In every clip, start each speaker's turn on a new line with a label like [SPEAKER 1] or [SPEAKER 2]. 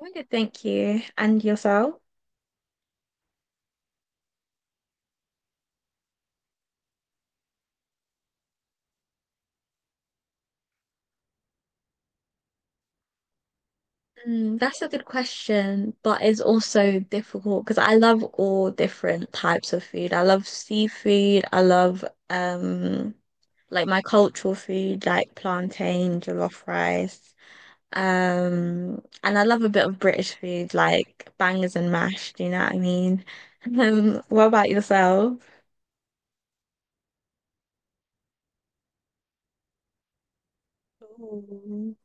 [SPEAKER 1] I'm good, thank you. And yourself? Mm, that's a good question, but it's also difficult because I love all different types of food. I love seafood. I love um like my cultural food, like plantain, jollof rice. And I love a bit of British food, like bangers and mash. Do you know what I mean? What about yourself? Ooh,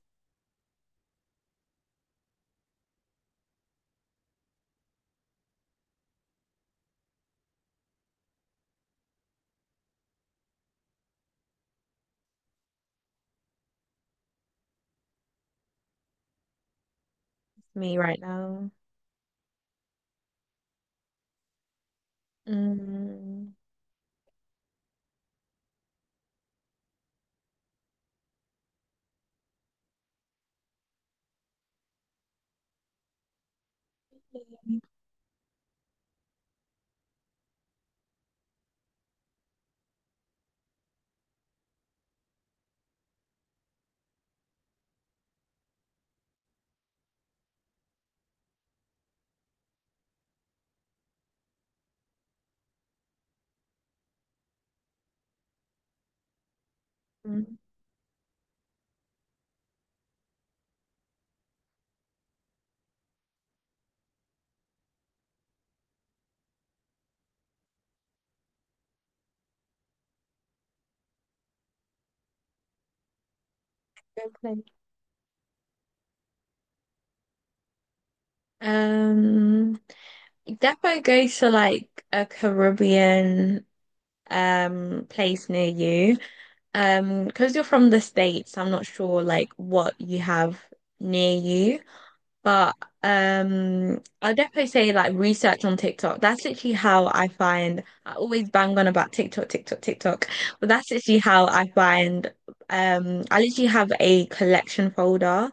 [SPEAKER 1] me right now. Mm. Mm. Don't play. Um, Definitely go to like a Caribbean place near you. Because you're from the States, I'm not sure like what you have near you. But I'll definitely say like research on TikTok. That's literally how I find I always bang on about TikTok, TikTok, TikTok. But that's literally how I find I literally have a collection folder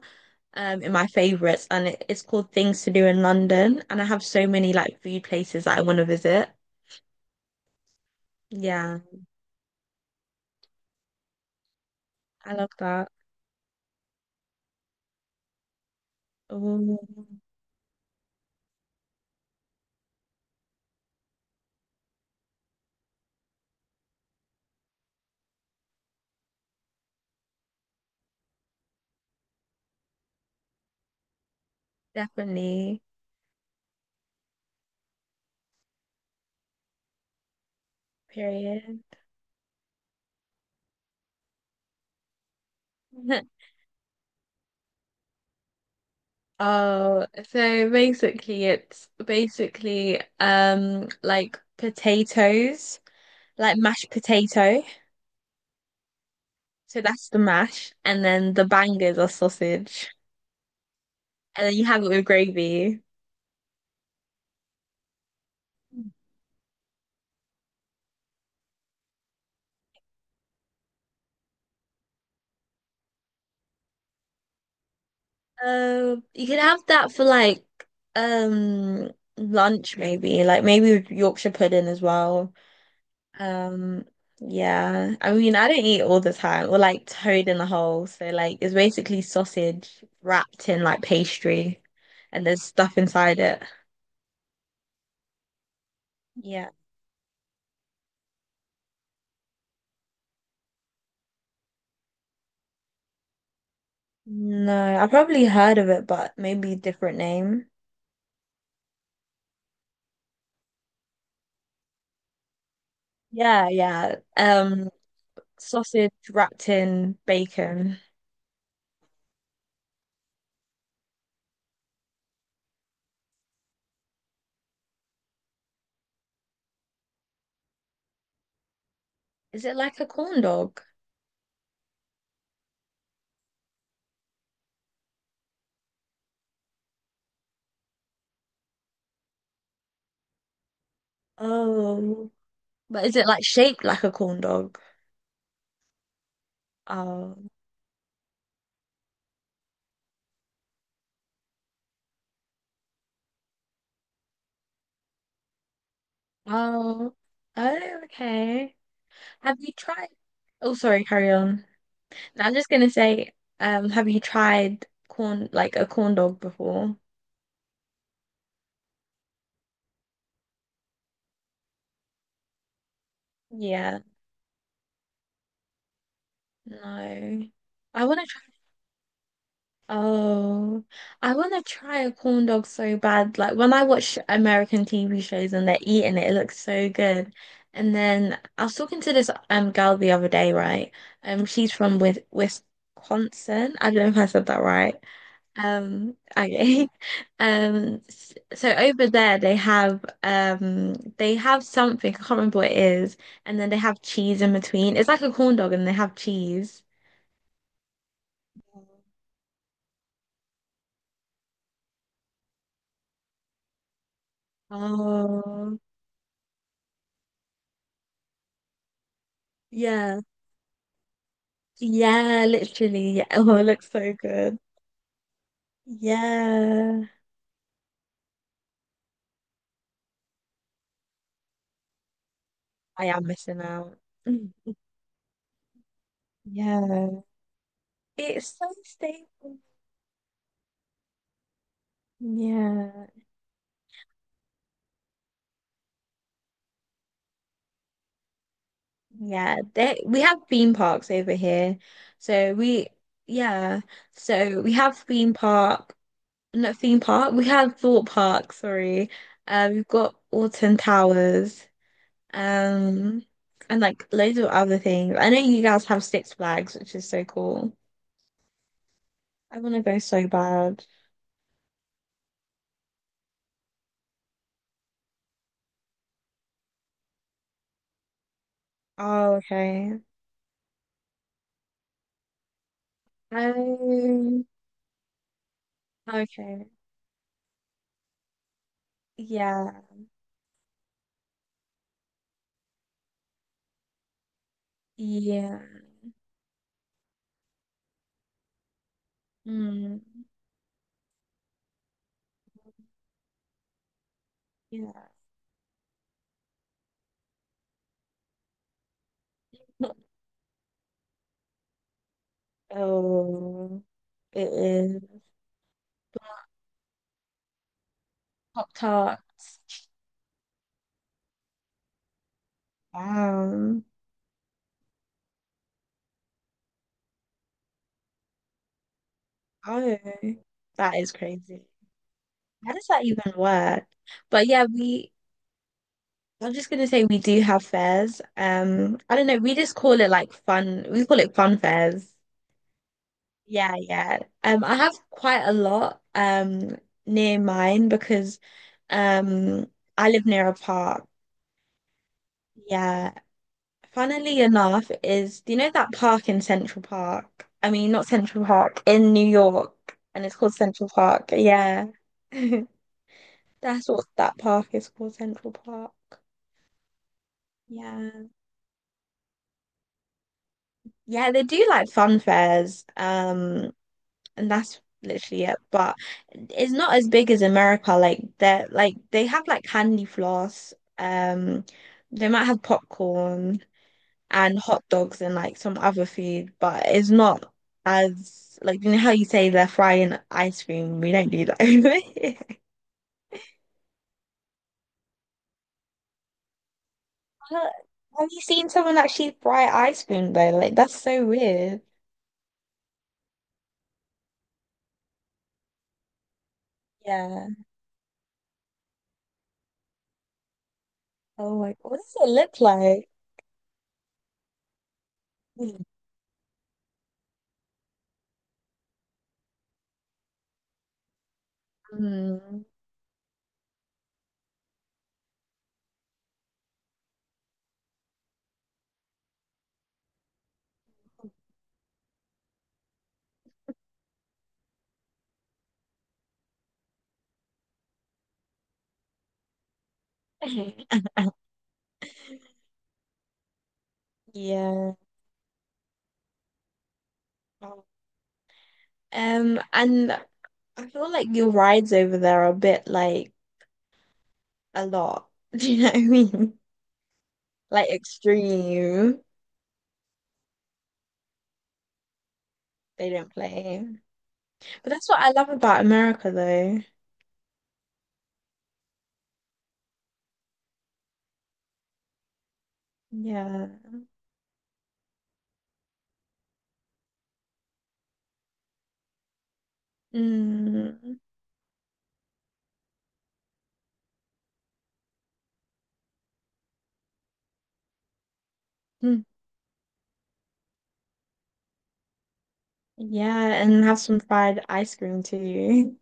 [SPEAKER 1] in my favorites and it's called Things to Do in London, and I have so many like food places that I want to visit. Yeah, I love that. Oh, definitely. Period. Oh, so basically it's basically like potatoes, like mashed potato. So that's the mash, and then the bangers are sausage. And then you have it with gravy. You could have that for like um lunch maybe, like maybe with Yorkshire pudding as well. Um, yeah. I mean, I don't eat all the time, or like toad in the hole. So like it's basically sausage wrapped in like pastry, and there's stuff inside it. Yeah. No, I probably heard of it, but maybe different name. Yeah, yeah. Sausage wrapped in bacon. Is it like a corn dog? Oh. But is it like shaped like a corn dog? Oh, oh, oh, okay. Have you tried? Oh, sorry, carry on. No, I'm just gonna say, have you tried corn like a corn dog before? Yeah, no. I want to. Oh, I want to try a corn dog so bad. Like when I watch American TV shows and they're eating it, it looks so good. And then I was talking to this girl the other day, right? She's from with Wisconsin. I don't know if I said that right. Okay. So over there they have something I can't remember what it is, and then they have cheese in between. It's like a corn dog, and they have cheese. Oh, yeah. Yeah, literally. Yeah. Oh, it looks so good. Yeah. I am missing out. Mm. Yeah. It's so stable. Yeah. Yeah. We have theme parks over here. So we, yeah. So we have theme park, not theme park, we have thought park, sorry. We've got Alton Towers. Um, and like loads of other things. I know you guys have Six Flags, which is so cool. I want to go so bad. Oh, okay. Um, okay. Yeah. Yeah. Mm, yeah. Oh, it is Pop Tarts. Wow. Oh, that is crazy. How does that even work? But yeah, I'm just gonna say we do have fairs. I don't know, we just call it like we call it fun fairs. Yeah, yeah. I have quite a lot near mine because um I live near a park. Yeah. Funnily enough, is do you know that park in Central Park? I mean, not Central Park, in New York, and it's called Central Park. Yeah. That's what that park is called, Central Park. Yeah. Yeah, they do like fun fairs. And that's literally it. But it's not as big as America. Like they're like they have like candy floss. They might have popcorn and hot dogs and like some other food, but it's not as like you know how you say they're frying ice cream. We don't do that over here. But have you seen someone actually fry ice cream though? Like that's so weird. Yeah. Oh my, what does it look like? Mm. Yeah. And I feel like your rides over there are a bit like a lot. Do you know what I mean? Like extreme. They don't play. But that's what I love about America, though. Yeah. Mm. Mm. Yeah, and have some fried ice cream too.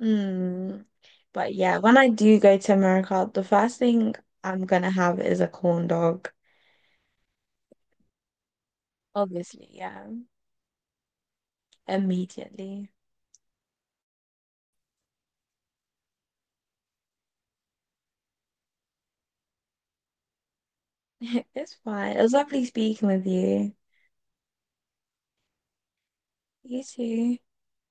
[SPEAKER 1] Mm. But yeah, when I do go to America, the first thing I'm gonna have is a corn dog. Obviously, yeah. Immediately. It's fine. It was lovely speaking with you. Easy.